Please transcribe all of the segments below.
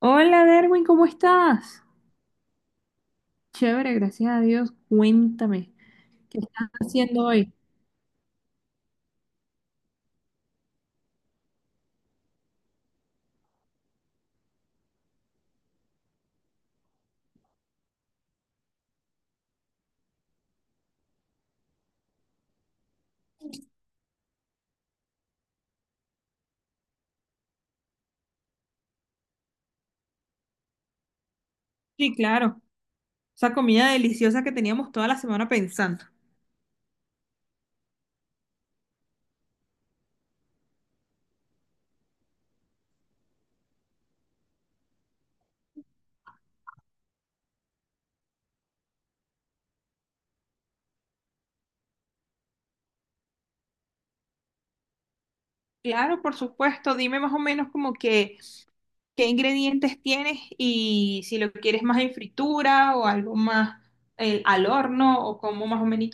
Hola Derwin, ¿cómo estás? Chévere, gracias a Dios. Cuéntame, ¿qué estás haciendo hoy? Sí, claro. Esa comida deliciosa que teníamos toda la semana pensando. Claro, por supuesto. Dime más o menos como que qué ingredientes tienes y si lo quieres más en fritura o algo más al horno o como más o menos.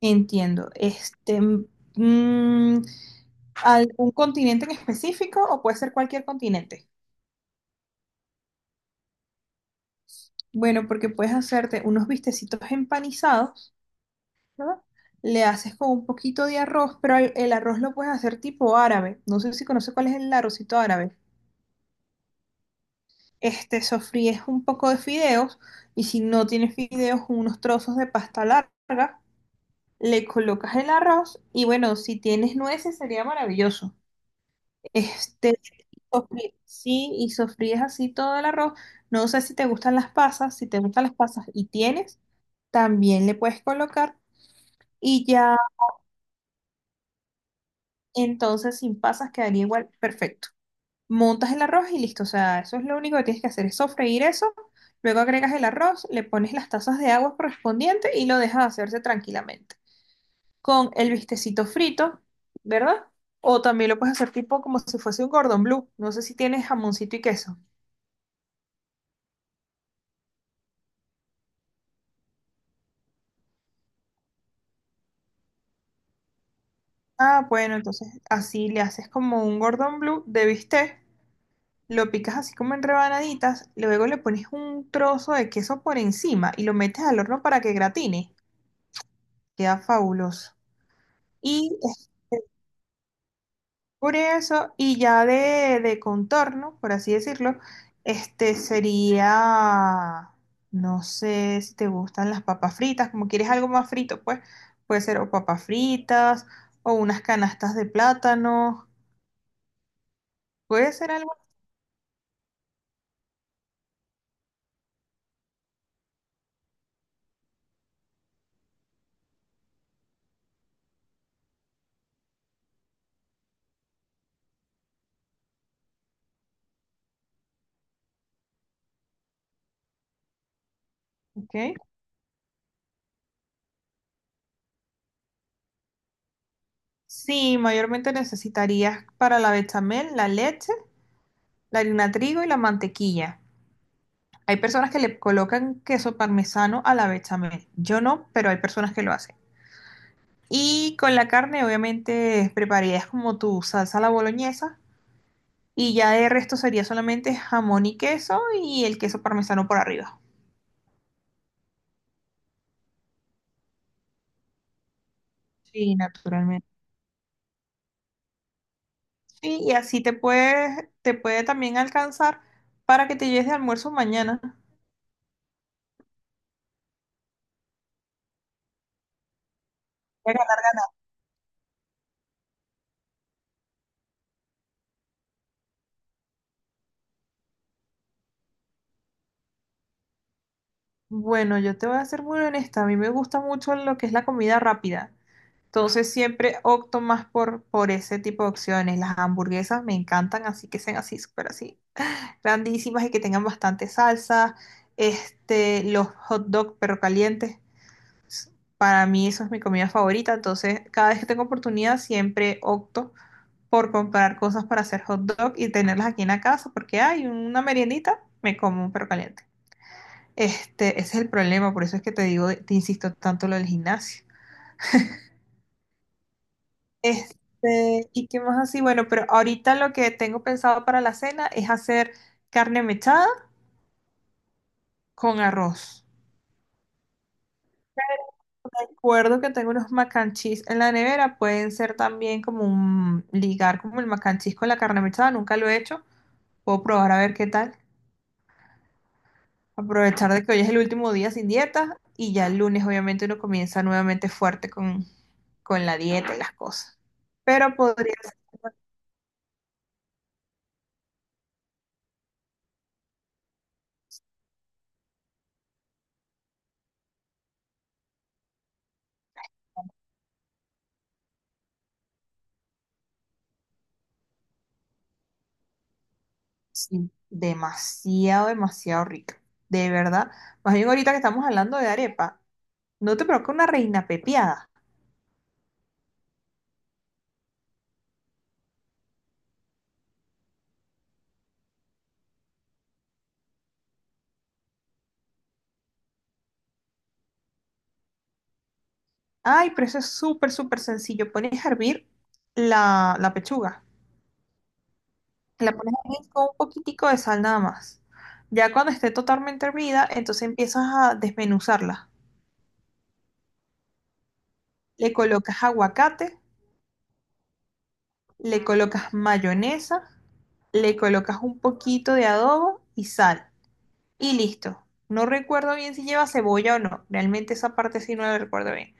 Entiendo. ¿Algún continente en específico o puede ser cualquier continente? Bueno, porque puedes hacerte unos bistecitos empanizados, ¿no? Le haces con un poquito de arroz, pero el arroz lo puedes hacer tipo árabe. No sé si conoces cuál es el arrocito árabe. Este, sofríes un poco de fideos y si no tienes fideos, unos trozos de pasta larga, le colocas el arroz y bueno, si tienes nueces sería maravilloso. Este, sí, y sofríes así todo el arroz. No sé si te gustan las pasas, si te gustan las pasas y tienes, también le puedes colocar. Y ya entonces sin pasas quedaría igual, perfecto. Montas el arroz y listo, o sea, eso es lo único que tienes que hacer, es sofreír eso, luego agregas el arroz, le pones las tazas de agua correspondiente y lo dejas hacerse tranquilamente. Con el bistecito frito, ¿verdad? O también lo puedes hacer tipo como si fuese un Gordon Blue, no sé si tienes jamoncito y queso. Ah, bueno, entonces así le haces como un Gordon Blue de bistec. Lo picas así como en rebanaditas, luego le pones un trozo de queso por encima y lo metes al horno para que gratine. Queda fabuloso. Y es por eso, y ya de contorno, por así decirlo, este sería, no sé si te gustan las papas fritas, como quieres algo más frito, pues puede ser o papas fritas o unas canastas de plátano, puede ser algo, ¿ok? Sí, mayormente necesitarías para la bechamel la leche, la harina trigo y la mantequilla. Hay personas que le colocan queso parmesano a la bechamel. Yo no, pero hay personas que lo hacen. Y con la carne, obviamente, prepararías como tu salsa a la boloñesa. Y ya de resto sería solamente jamón y queso y el queso parmesano por arriba. Sí, naturalmente. Sí, y así te puedes, te puede también alcanzar para que te lleves de almuerzo mañana. Bueno, yo te voy a ser muy honesta. A mí me gusta mucho lo que es la comida rápida. Entonces siempre opto más por ese tipo de opciones. Las hamburguesas me encantan, así que sean así, súper así, grandísimas y que tengan bastante salsa. Este, los hot dog, perro calientes, para mí eso es mi comida favorita. Entonces, cada vez que tengo oportunidad, siempre opto por comprar cosas para hacer hot dog y tenerlas aquí en la casa, porque hay una meriendita, me como un perro caliente. Este, ese es el problema, por eso es que te digo, te insisto tanto lo del gimnasio. Este, ¿y qué más así? Bueno, pero ahorita lo que tengo pensado para la cena es hacer carne mechada con arroz. Recuerdo que tengo unos mac and cheese en la nevera, pueden ser también como un ligar como el mac and cheese con la carne mechada, nunca lo he hecho. Puedo probar a ver qué tal. Aprovechar de que hoy es el último día sin dieta y ya el lunes obviamente uno comienza nuevamente fuerte con la dieta y las cosas. Pero podría. Sí, demasiado, demasiado rica. De verdad. Más bien ahorita que estamos hablando de arepa, no te provoca una reina pepiada. Ay, pero eso es súper, súper sencillo. Pones a hervir la pechuga. La pones a hervir con un poquitico de sal nada más. Ya cuando esté totalmente hervida, entonces empiezas a desmenuzarla. Le colocas aguacate, le colocas mayonesa, le colocas un poquito de adobo y sal. Y listo. No recuerdo bien si lleva cebolla o no. Realmente esa parte sí no la recuerdo bien.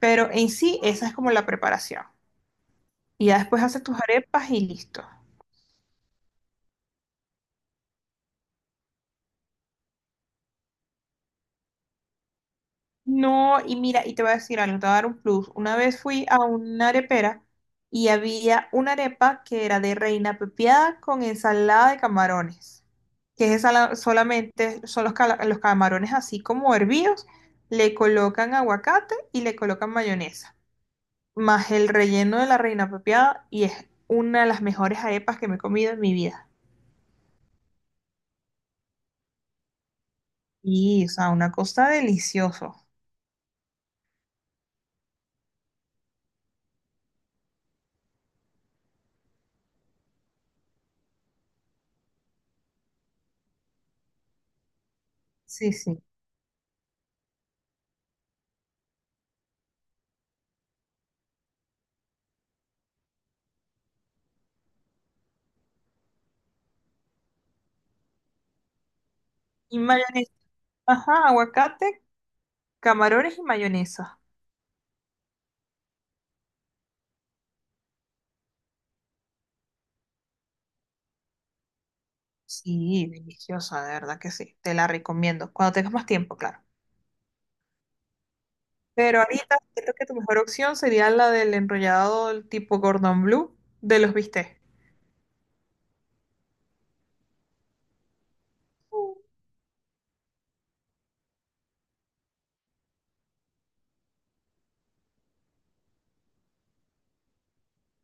Pero en sí, esa es como la preparación. Y ya después haces tus arepas y listo. No, y mira, y te voy a decir algo, te voy a dar un plus. Una vez fui a una arepera y había una arepa que era de reina pepiada con ensalada de camarones. Que es solamente, son los camarones así como hervidos, le colocan aguacate y le colocan mayonesa. Más el relleno de la reina pepiada y es una de las mejores arepas que me he comido en mi vida. Y, o sea, una cosa deliciosa. Sí, sí. Y mayonesa. Ajá, aguacate, camarones y mayonesa. Sí, deliciosa, de verdad que sí. Te la recomiendo. Cuando tengas más tiempo, claro. Pero ahorita siento que tu mejor opción sería la del enrollado del tipo Gordon Blue de los bistecs.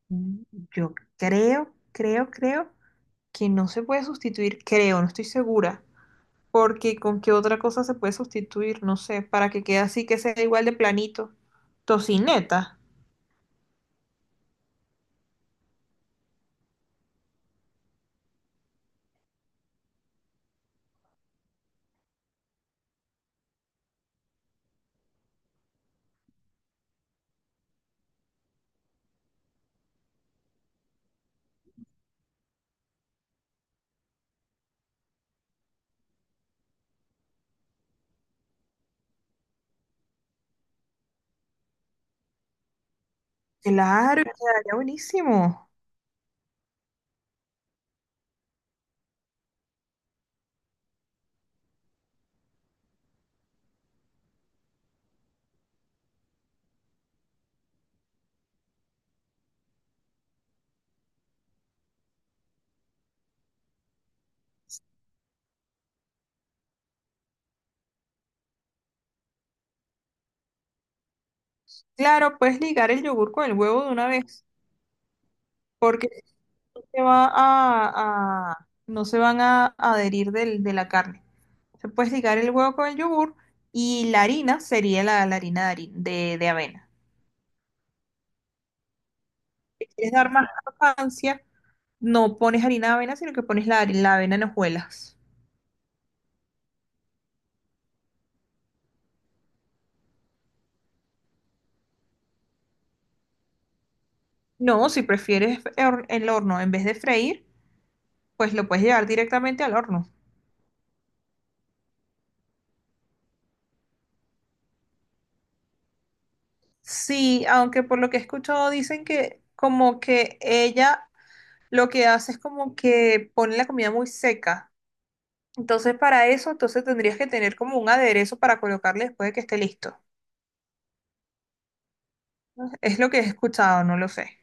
Mm, yo creo que no se puede sustituir, creo, no estoy segura. Porque con qué otra cosa se puede sustituir, no sé, para que quede así, que sea igual de planito. Tocineta. Claro, y quedaría buenísimo. Claro, puedes ligar el yogur con el huevo de una vez, porque no se va no se van a adherir de la carne. Se puedes ligar el huevo con el yogur y la harina sería la harina de, de avena. Si quieres dar más crocancia, no pones harina de avena, sino que pones la avena en hojuelas. No, si prefieres el horno en vez de freír, pues lo puedes llevar directamente al horno. Sí, aunque por lo que he escuchado dicen que como que ella lo que hace es como que pone la comida muy seca. Entonces para eso, entonces tendrías que tener como un aderezo para colocarle después de que esté listo. Es lo que he escuchado, no lo sé.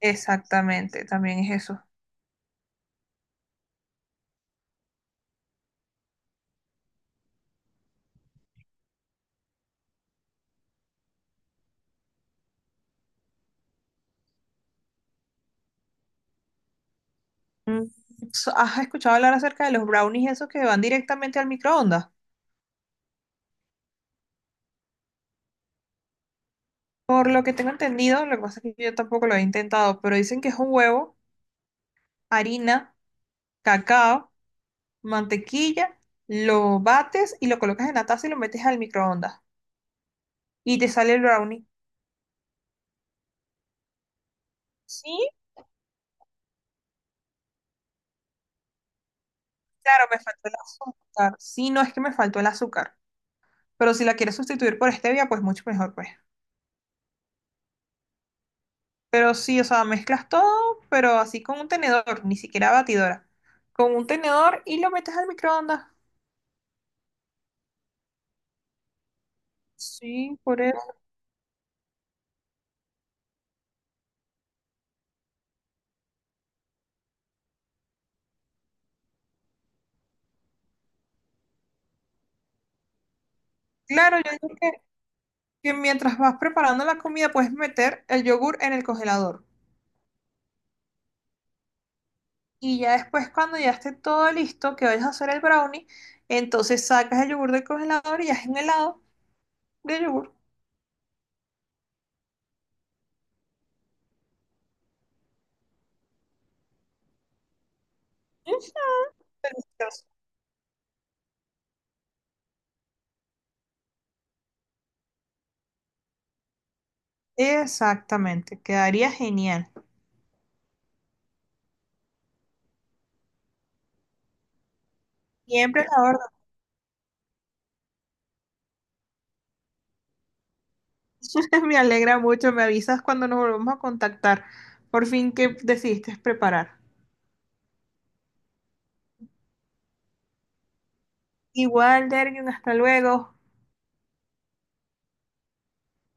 Exactamente, también es eso. Mm, ¿Has escuchado hablar acerca de los brownies esos que van directamente al microondas? Por lo que tengo entendido, lo que pasa es que yo tampoco lo he intentado, pero dicen que es un huevo, harina, cacao, mantequilla, lo bates y lo colocas en la taza y lo metes al microondas. Y te sale el brownie. Sí, claro, me faltó el azúcar. Sí, no es que me faltó el azúcar. Pero si la quieres sustituir por stevia, pues mucho mejor, pues. Pero sí, o sea, mezclas todo, pero así con un tenedor, ni siquiera batidora. Con un tenedor y lo metes al microondas. Sí, por eso. Claro, yo digo que mientras vas preparando la comida puedes meter el yogur en el congelador. Y ya después, cuando ya esté todo listo, que vayas a hacer el brownie, entonces sacas el yogur del congelador y haces un helado de yogur. Delicioso. Exactamente, quedaría genial. Siempre la orden. Me alegra mucho, me avisas cuando nos volvamos a contactar. Por fin, ¿qué decidiste preparar? Igual, Dergen, hasta luego.